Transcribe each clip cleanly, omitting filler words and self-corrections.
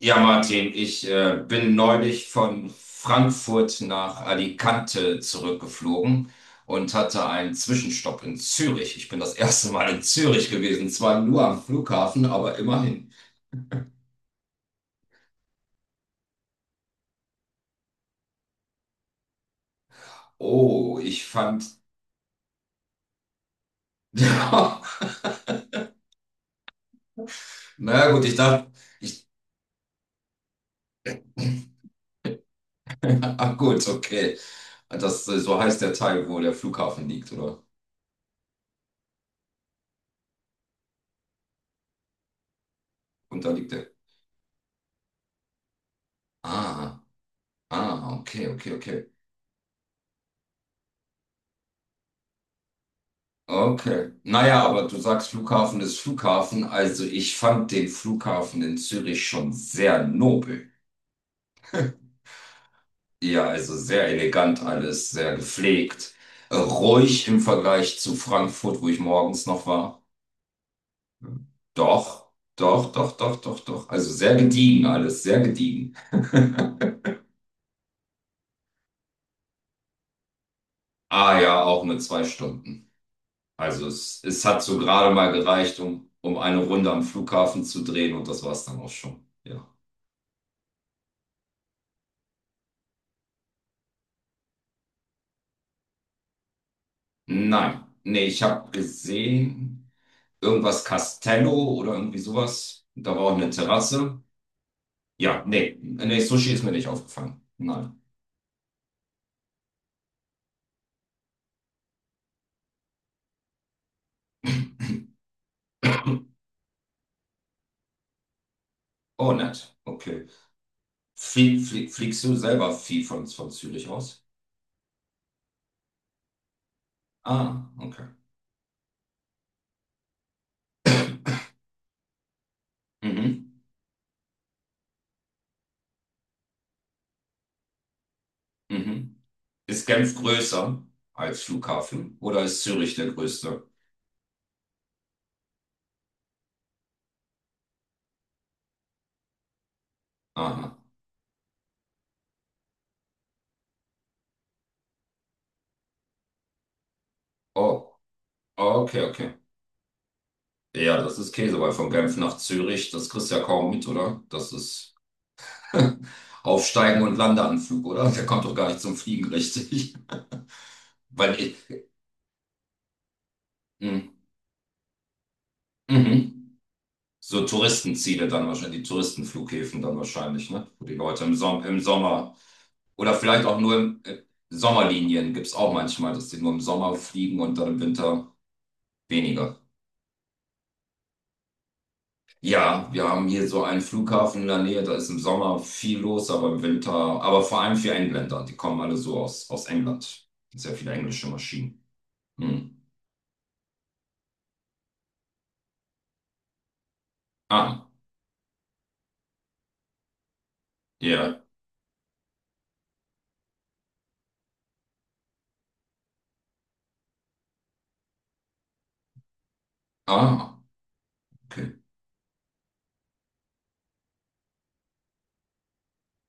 Ja, Martin, ich bin neulich von Frankfurt nach Alicante zurückgeflogen und hatte einen Zwischenstopp in Zürich. Ich bin das erste Mal in Zürich gewesen, zwar nur am Flughafen, aber immerhin. Oh, ich fand. Na gut, ich dachte, ich. Ah, gut, okay. Das, so heißt der Teil, wo der Flughafen liegt, oder? Und da liegt der. Ah, ah, okay, okay, okay. Okay. Naja, aber du sagst Flughafen ist Flughafen. Also ich fand den Flughafen in Zürich schon sehr nobel. Ja, also sehr elegant alles, sehr gepflegt. Ruhig im Vergleich zu Frankfurt, wo ich morgens noch war. Doch, doch, doch, doch, doch, doch. Also sehr gediegen alles, sehr gediegen. Ah ja, auch nur 2 Stunden. Also es hat so gerade mal gereicht, um eine Runde am Flughafen zu drehen und das war's dann auch schon. Ja. Nein, nee, ich habe gesehen, irgendwas Castello oder irgendwie sowas. Da war auch eine Terrasse. Ja, nee, nee, Sushi ist mir nicht aufgefallen. Nein. Oh, nett. Okay. Fliegst du selber viel von Zürich aus? Ah, okay. Mhm, mhm. Ist Genf größer als Flughafen oder ist Zürich der größte? Aha. Oh, okay, okay. Ja, das ist Käse, weil von Genf nach Zürich, das kriegst du ja kaum mit, oder? Das ist. Aufsteigen und Landeanflug, oder? Der kommt doch gar nicht zum Fliegen richtig. Weil ich, mh, mhm. So Touristenziele dann wahrscheinlich, die Touristenflughäfen dann wahrscheinlich, ne? Wo die Leute im Sommer oder vielleicht auch nur im Sommerlinien gibt es auch manchmal, dass die nur im Sommer fliegen und dann im Winter weniger. Ja, wir haben hier so einen Flughafen in der Nähe, da ist im Sommer viel los, aber im Winter, aber vor allem für Engländer, die kommen alle so aus, England. Sehr viele englische Maschinen. Hm. Ah. Ja. Ah, okay.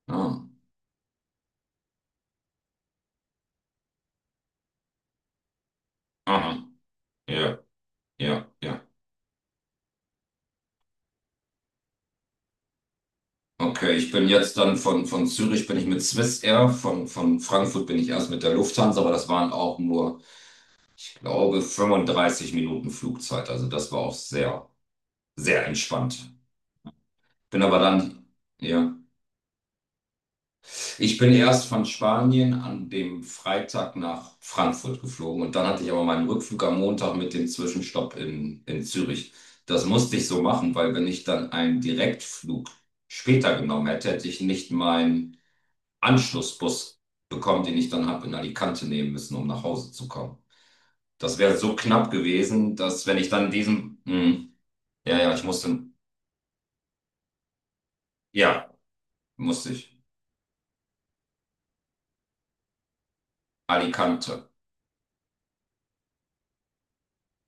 Ah. Aha. Ja, ja, ja. Okay, ich bin jetzt dann von, Zürich bin ich mit Swiss Air, von Frankfurt bin ich erst mit der Lufthansa, aber das waren auch nur, ich glaube, 35 Minuten Flugzeit. Also das war auch sehr, sehr entspannt. Bin aber dann, ja. Ich bin erst von Spanien an dem Freitag nach Frankfurt geflogen und dann hatte ich aber meinen Rückflug am Montag mit dem Zwischenstopp in Zürich. Das musste ich so machen, weil wenn ich dann einen Direktflug später genommen hätte, hätte ich nicht meinen Anschlussbus bekommen, den ich dann habe in Alicante nehmen müssen, um nach Hause zu kommen. Das wäre so knapp gewesen, dass wenn ich dann diesen, ja, ja, ich musste, ja, musste ich. Alicante.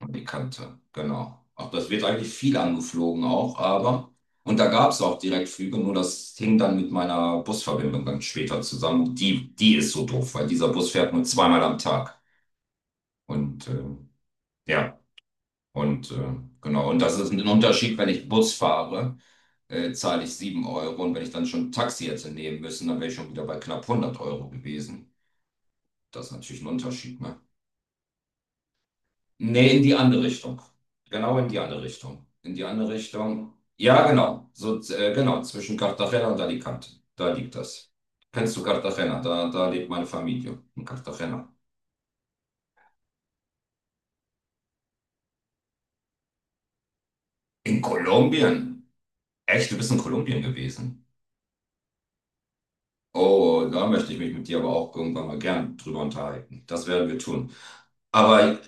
Die Kante, genau. Auch das wird eigentlich viel angeflogen auch, aber. Und da gab es auch Direktflüge, nur das hing dann mit meiner Busverbindung dann später zusammen. Die ist so doof, weil dieser Bus fährt nur zweimal am Tag. Und ja, und genau. Und das ist ein Unterschied, wenn ich Bus fahre, zahle ich 7 Euro. Und wenn ich dann schon ein Taxi hätte nehmen müssen, dann wäre ich schon wieder bei knapp 100 Euro gewesen. Das ist natürlich ein Unterschied, ne? Nee, in die andere Richtung. Genau in die andere Richtung. In die andere Richtung. Ja, genau. So, genau, zwischen Cartagena und Alicante. Da liegt das. Kennst du Cartagena? Da lebt meine Familie. In Cartagena. In Kolumbien? Echt, du bist in Kolumbien gewesen? Oh, da möchte ich mich mit dir aber auch irgendwann mal gern drüber unterhalten. Das werden wir tun. Aber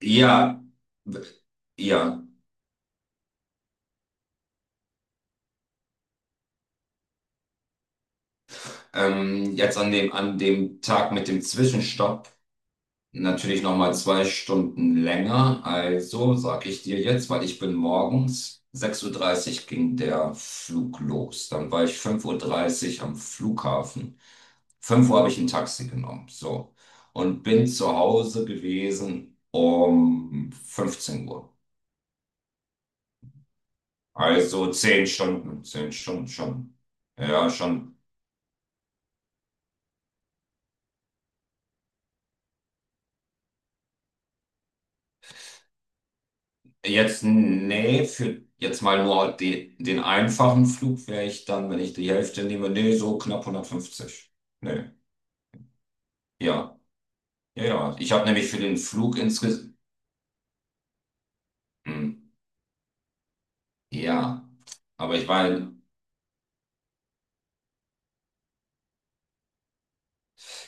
ja, w- ja, jetzt an dem, Tag mit dem Zwischenstopp natürlich nochmal 2 Stunden länger. Also sage ich dir jetzt, weil ich bin morgens 6:30 Uhr ging der Flug los. Dann war ich 5:30 Uhr am Flughafen. 5 Uhr habe ich ein Taxi genommen. So. Und bin zu Hause gewesen um 15 Uhr. Also 10 Stunden. 10 Stunden schon. Ja, schon jetzt, nee, für jetzt mal nur den einfachen Flug wäre ich dann, wenn ich die Hälfte nehme, nee, so knapp 150. Nee, ja, ja, ja. Ich habe nämlich für den Flug insgesamt, ja, aber ich war,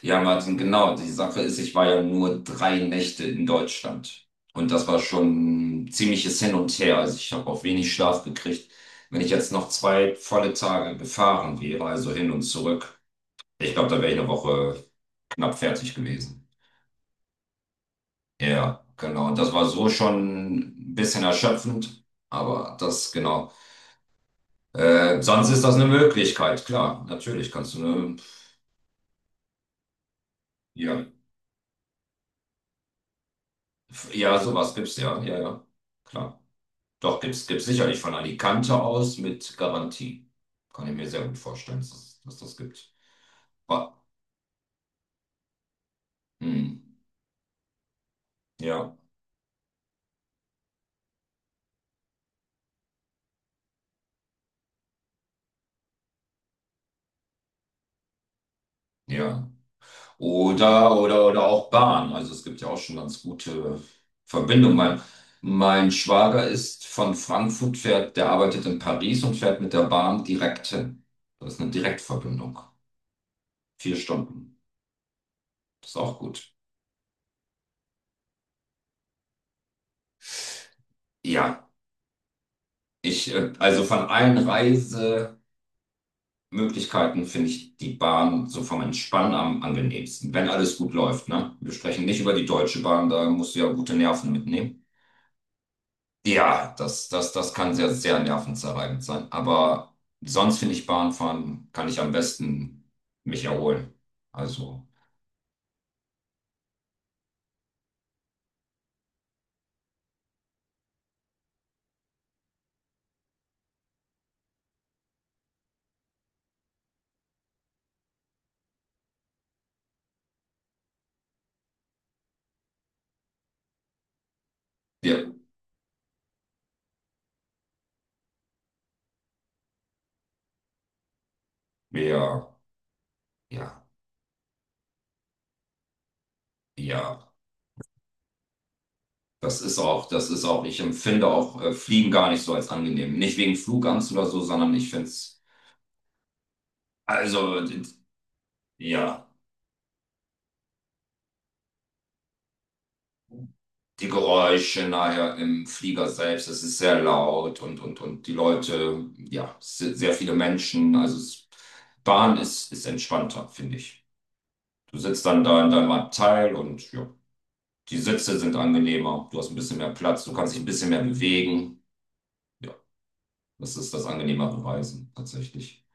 ja, Martin, genau, die Sache ist, ich war ja nur 3 Nächte in Deutschland. Und das war schon ein ziemliches Hin und Her. Also ich habe auch wenig Schlaf gekriegt. Wenn ich jetzt noch 2 volle Tage gefahren wäre, also hin und zurück, ich glaube, da wäre ich eine Woche knapp fertig gewesen. Ja, genau. Und das war so schon ein bisschen erschöpfend, aber das, genau. Sonst ist das eine Möglichkeit, klar. Natürlich kannst du eine, ja, ja, sowas gibt's, ja, ja, ja, klar. Doch, gibt's sicherlich von Alicante aus mit Garantie. Kann ich mir sehr gut vorstellen, dass das gibt. Wa- hm, ja, ja. Oder auch Bahn. Also es gibt ja auch schon ganz gute Verbindungen. Mein Schwager ist von Frankfurt, fährt, der arbeitet in Paris und fährt mit der Bahn direkt hin. Das ist eine Direktverbindung. 4 Stunden. Das ist auch gut. Ja, ich, also von allen Reisemöglichkeiten finde ich die Bahn so vom Entspannen am angenehmsten, wenn alles gut läuft, ne? Wir sprechen nicht über die Deutsche Bahn, da musst du ja gute Nerven mitnehmen. Ja, das kann sehr, sehr nervenzerreibend sein. Aber sonst finde ich Bahnfahren kann ich am besten mich erholen. Also, wir, wir, ja, ja. Ich empfinde auch Fliegen gar nicht so als angenehm. Nicht wegen Flugangst oder so, sondern ich finde es, also, ja, die Geräusche nachher im Flieger selbst, es ist sehr laut und die Leute, ja, sehr viele Menschen. Also, es, Bahn ist entspannter, finde ich. Du sitzt dann da in deinem Abteil und ja, die Sitze sind angenehmer, du hast ein bisschen mehr Platz, du kannst dich ein bisschen mehr bewegen. Ja, das ist das angenehmere Reisen tatsächlich.